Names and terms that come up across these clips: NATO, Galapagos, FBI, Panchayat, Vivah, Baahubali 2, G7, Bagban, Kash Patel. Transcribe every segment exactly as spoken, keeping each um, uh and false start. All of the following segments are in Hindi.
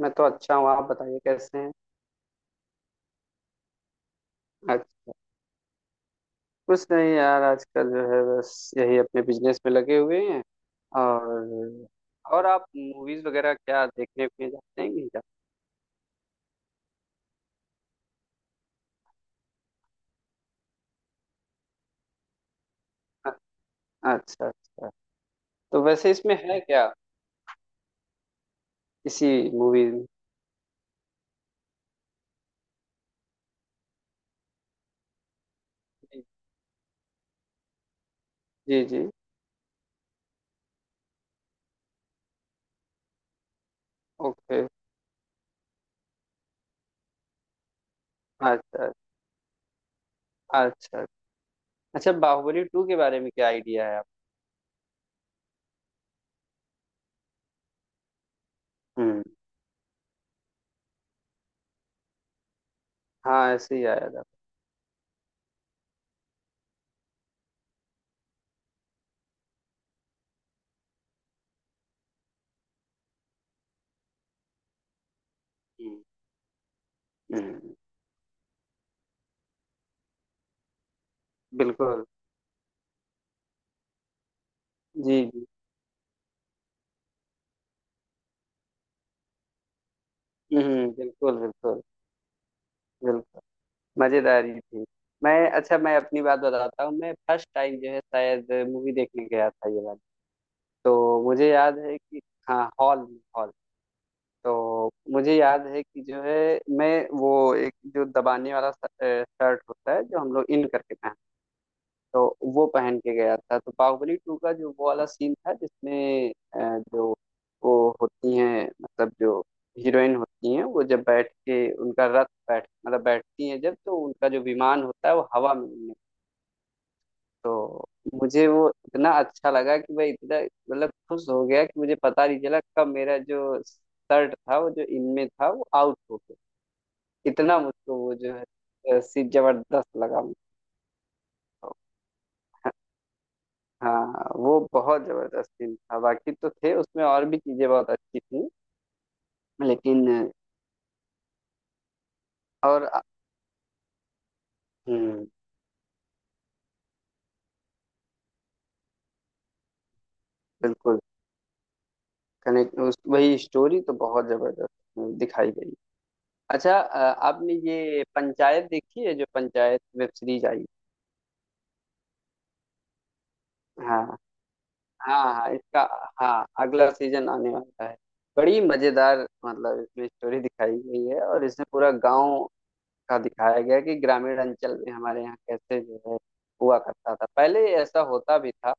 मैं तो अच्छा हूँ। आप बताइए, कैसे हैं। अच्छा। कुछ नहीं यार, आजकल जो है बस यही अपने बिजनेस में लगे हुए हैं। और। और आप मूवीज वगैरह क्या देखने में जाते हैं कि नहीं जाते? अ- अच्छा अच्छा। तो वैसे इसमें है क्या, इसी मूवी में। जी, जी जी। ओके। अच्छा अच्छा। अच्छा, बाहुबली टू के बारे में क्या आइडिया है आप। हम्म। हाँ, ऐसे ही आया था। हम्म हम्म। बिल्कुल। जी जी। हम्म। बिल्कुल बिल्कुल। बिल्कुल मजेदार ही थी। मैं अच्छा, मैं अपनी बात बताता हूँ। मैं फर्स्ट टाइम जो है शायद मूवी देखने गया था ये वाली। तो मुझे याद है कि हाँ, हॉल में हॉल। तो मुझे याद है कि जो है मैं वो एक जो दबाने वाला शर्ट होता है जो हम लोग इन करके पहनते हैं। तो वो पहन के गया था। तो बाहुबली टू का जो वो वाला सीन था जिसमें अ, जो वो होती हैं मतलब जो हीरोइन होती हैं वो जब बैठ के उनका रथ, बैठ मतलब बैठती हैं जब तो उनका जो विमान होता है वो हवा में उड़ने। तो मुझे वो इतना अच्छा लगा कि मैं इतना मतलब खुश हो गया कि मुझे पता नहीं चला कब मेरा जो शर्ट था वो जो इनमें था वो आउट हो गया। इतना मुझको वो जो है अ, सीन जबरदस्त लगा मुझको। हाँ, वो बहुत जबरदस्त सीन था। बाकी तो थे, उसमें और भी चीजें बहुत अच्छी थी, लेकिन। और। हम्म। बिल्कुल। कनेक्ट उस वही स्टोरी तो बहुत जबरदस्त उसमें दिखाई गई। अच्छा। अ, आपने ये पंचायत देखी है, जो पंचायत वेब सीरीज आई। हाँ हाँ, हाँ इसका, हाँ अगला सीजन आने वाला है। बड़ी मजेदार। मतलब इसमें स्टोरी दिखाई गई है, और इसमें पूरा गांव का दिखाया गया है कि ग्रामीण अंचल में हमारे यहाँ कैसे जो है हुआ करता था पहले, ऐसा होता भी था।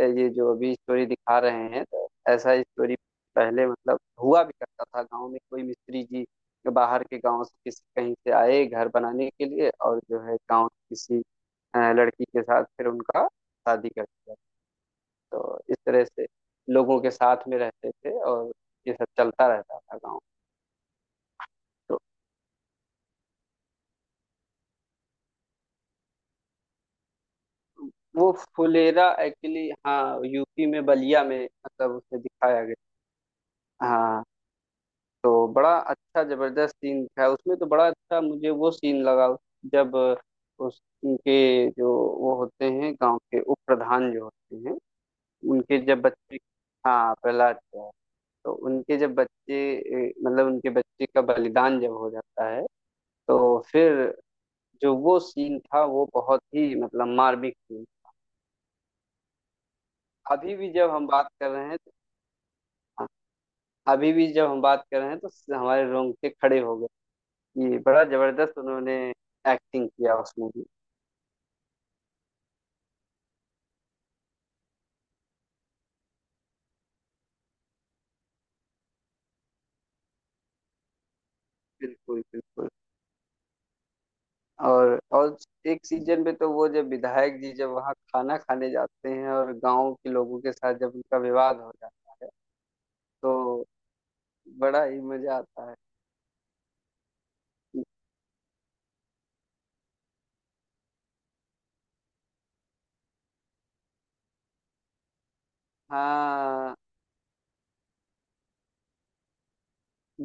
ये जो अभी स्टोरी दिखा रहे हैं तो ऐसा स्टोरी पहले मतलब हुआ भी करता था। गांव में कोई मिस्त्री जी बाहर के गांव से किसी कहीं से आए घर बनाने के लिए, और जो है गांव की किसी अ, लड़की के साथ फिर उनका शादी कर दिया। तो इस तरह से लोगों के साथ में रहते थे, और ये सब चलता रहता था गांव। तो वो फुलेरा एक्चुअली, हाँ यूपी में बलिया में मतलब उसमें दिखाया गया। हाँ। तो बड़ा अच्छा जबरदस्त सीन था उसमें, तो बड़ा अच्छा मुझे वो सीन लगा। जब उस उनके जो वो होते हैं गांव के उप प्रधान जो होते हैं, उनके जब बच्चे, हाँ प्रहलाद का, तो उनके जब बच्चे ए, मतलब उनके बच्चे का बलिदान जब हो जाता है, तो फिर जो वो सीन था वो बहुत ही मतलब मार्मिक सीन। अभी भी जब हम बात कर रहे हैं तो- अभी भी जब हम बात कर रहे हैं तो हमारे रोंगटे खड़े हो। ये बड़ा जबरदस्त उन्होंने एक्टिंग किया उस मूवी में। बिल्कुल बिल्कुल। और। और एक सीजन में तो वो जब विधायक जी जब वहाँ खाना खाने जाते हैं और गांव के लोगों के साथ जब उनका विवाद हो जाता है, तो बड़ा ही मजा आता है। हाँ,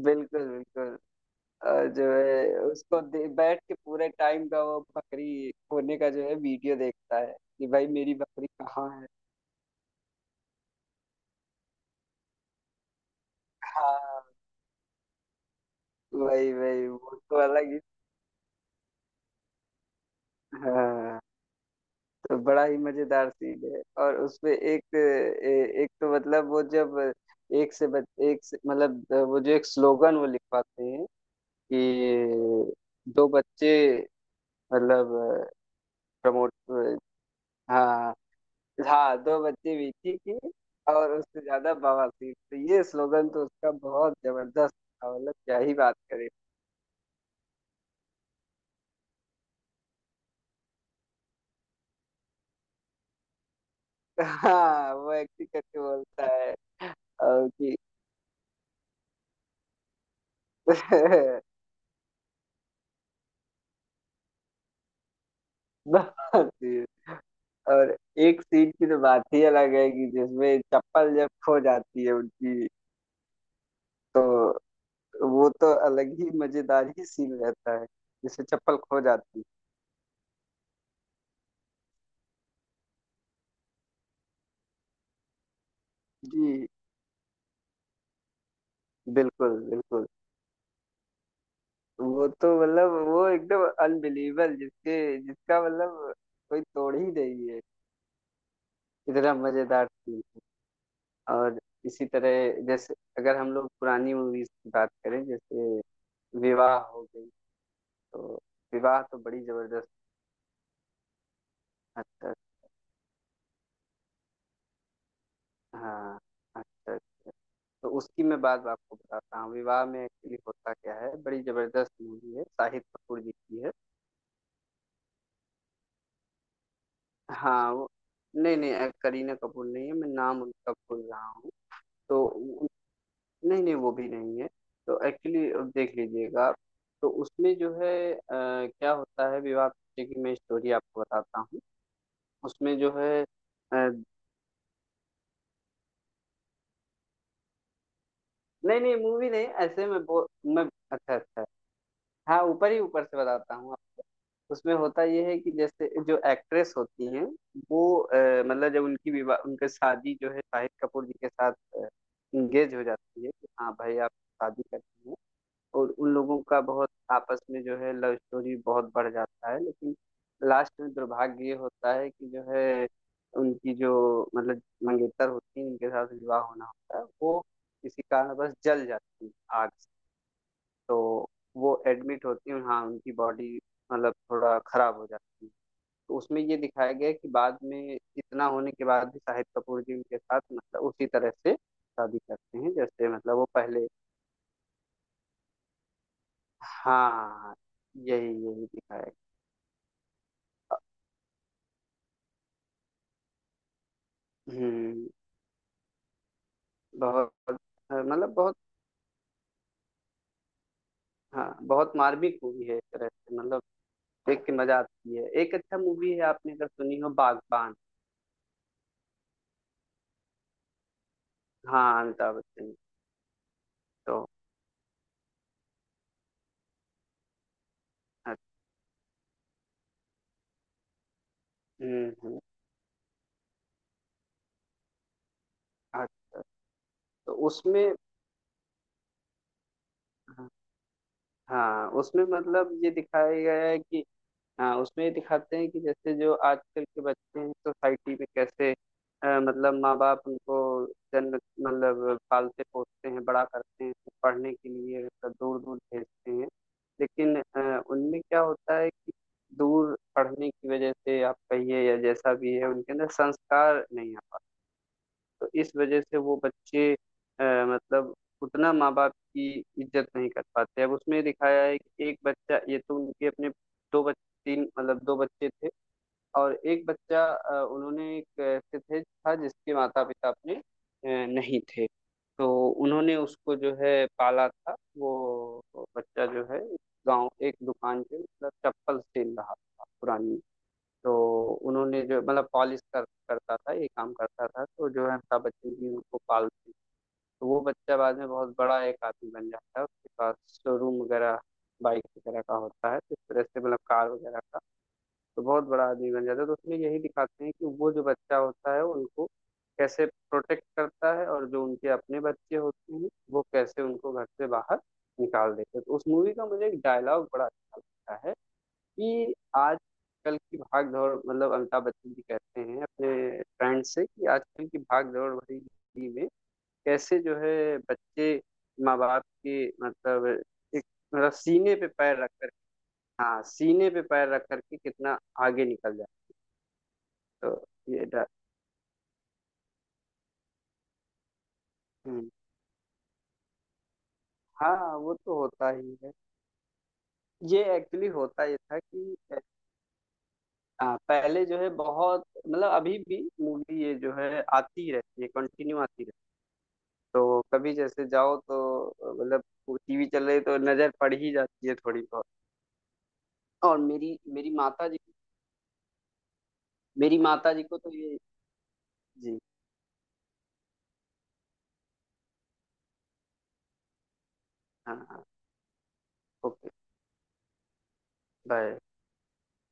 बिल्कुल बिल्कुल। और जो है उसको दे, बैठ के पूरे टाइम का वो बकरी खोने का जो है वीडियो देखता है कि भाई मेरी बकरी कहाँ है। हाँ वही वही, वो तो अलग ही। हाँ, तो बड़ा ही मजेदार सीन है। और उसपे एक ए- एक तो मतलब वो जब एक से बच, एक से मतलब वो जो एक स्लोगन वो लिखवाते हैं कि दो बच्चे मतलब प्रमोट। हाँ हाँ, दो बच्चे विकी की, और उससे ज्यादा बवासीर। तो ये स्लोगन तो उसका बहुत जबरदस्त था, मतलब क्या ही बात करें। हाँ, वो एक्टिंग करके बोलता है, और कि बवासीर। और एक सीट की तो बात ही अलग है कि जिसमें चप्पल जब खो जाती है उनकी, तो वो तो अलग ही मजेदार ही सीन रहता है, जिसमें चप्पल खो जाती है। जी। बिल्कुल बिल्कुल। वो तो मतलब वो एकदम अनबिलीवेबल, जिसके जिसका मतलब कोई तोड़ ही नहीं है। इतना मजेदार सीन। और इसी तरह जैसे अगर हम लोग पुरानी मूवीज की बात करें, जैसे विवाह, हो गई, तो विवाह तो बड़ी जबरदस्त। अच्छा। हाँ। अच्छा। तो उसकी मैं बात आपको बताता हूँ। विवाह में एक्चुअली होता क्या है, बड़ी जबरदस्त मूवी है, शाहिद कपूर जी की है। हाँ वो। नहीं नहीं, अ, करीना कपूर नहीं है, मैं नाम उनका भूल रहा हूँ। तो उ- नहीं नहीं, वो भी नहीं है। तो एक्चुअली देख लीजिएगा आप। तो उसमें जो है अ, क्या होता है, विवाह पीछे की मैं स्टोरी आपको बताता हूँ। उसमें जो है अ, नहीं नहीं, मूवी नहीं ऐसे में बो, मैं, अच्छा अच्छा, हाँ ऊपर ही ऊपर से बताता हूँ। उसमें होता ये है कि जैसे जो एक्ट्रेस होती हैं वो अ, मतलब जब उनकी विवाह उनकी शादी जो है शाहिद कपूर जी के साथ इंगेज हो जाती है कि हाँ भाई आप शादी करती हैं, और उन लोगों का बहुत आपस में जो है लव स्टोरी बहुत बढ़ जाता है, लेकिन लास्ट में दुर्भाग्य ये होता है कि जो है उनकी जो मतलब मंगेतर होती है, उनके साथ विवाह होना होता है वो, किसी कारणवश जल जाती है आग से। तो वो एडमिट होती है, हाँ उनकी बॉडी मतलब थोड़ा खराब हो जाती है। तो उसमें ये दिखाया गया है कि बाद में इतना होने के बाद भी शाहिद कपूर जी उनके साथ मतलब उसी तरह से शादी करते हैं, जैसे मतलब वो पहले। हाँ यही यही दिखाया गया। हम्म। बहुत, मतलब बहुत, हाँ बहुत मार्मिक मूवी है, एक तरह से मतलब देख के मजा आती है। एक अच्छा मूवी है आपने अगर सुनी हो, बागबान। हाँ, अमिताभ बच्चन। तो। हम्म हम्म। अच्छा। तो उसमें, हाँ उसमें मतलब ये दिखाया गया है कि, हाँ उसमें ये दिखाते हैं कि जैसे जो आजकल के बच्चे हैं सोसाइटी में कैसे, अ, मतलब माँ बाप उनको जन्म मतलब पालते पोसते हैं, बड़ा करते हैं, पढ़ने के लिए दूर दूर भेजते हैं। लेकिन अ, उनमें क्या होता है कि दूर पढ़ने की वजह से आप कहिए या जैसा भी है, उनके अंदर संस्कार नहीं आता। तो इस वजह से वो बच्चे अ, मतलब उतना माँ बाप की इज्जत नहीं कर पाते। अब उसमें दिखाया है कि एक बच्चा, ये तो उनके अपने दो बच्चे, तीन मतलब दो बच्चे थे, और एक बच्चा अ, उन्होंने, एक ऐसे थे था जिसके माता पिता अपने अ, नहीं थे। तो उन्होंने उसको जो है पाला था। वो बच्चा जो है गांव एक दुकान पे मतलब चप्पल सेल रहा था पुरानी। तो उन्होंने जो मतलब पॉलिश कर करता था, ये काम करता था, तो जो है अमिताभ बच्चन जी उनको पालते हैं। तो वो बच्चा बाद में बहुत बड़ा एक आदमी बन जाता है, उसके पास शोरूम वगैरह बाइक वगैरह का होता है, तो इस तरह से मतलब कार वगैरह का, तो बहुत बड़ा आदमी बन जाता है। तो उसमें यही दिखाते हैं कि वो जो बच्चा होता है उनको कैसे प्रोटेक्ट करता है, और जो उनके अपने बच्चे होते हैं वो कैसे उनको घर से बाहर निकाल देते हैं। तो उस मूवी का मुझे एक डायलॉग बड़ा अच्छा लगता है कि आजकल की भाग दौड़, मतलब अमिताभ बच्चन जी कहते हैं अपने फ्रेंड से कि आजकल की भाग दौड़ भरी जिंदगी में कैसे जो है बच्चे माँ बाप के मतलब एक, मतलब सीने पे पैर रख कर, हाँ सीने पे पैर रख करके कितना आगे निकल जाए। तो ये डर। हम्म। हाँ वो तो होता ही है। ये एक्चुअली होता ये था कि हाँ पहले जो है बहुत मतलब अभी भी मूवी ये जो है आती रहती है, कंटिन्यू आती रहती है। तो कभी जैसे जाओ तो अ, मतलब टीवी चल रही तो नजर पड़ ही जाती है थोड़ी बहुत। और मेरी मेरी माता जी मेरी माता जी को तो ये। जी। हाँ हाँ। ओके। बाय।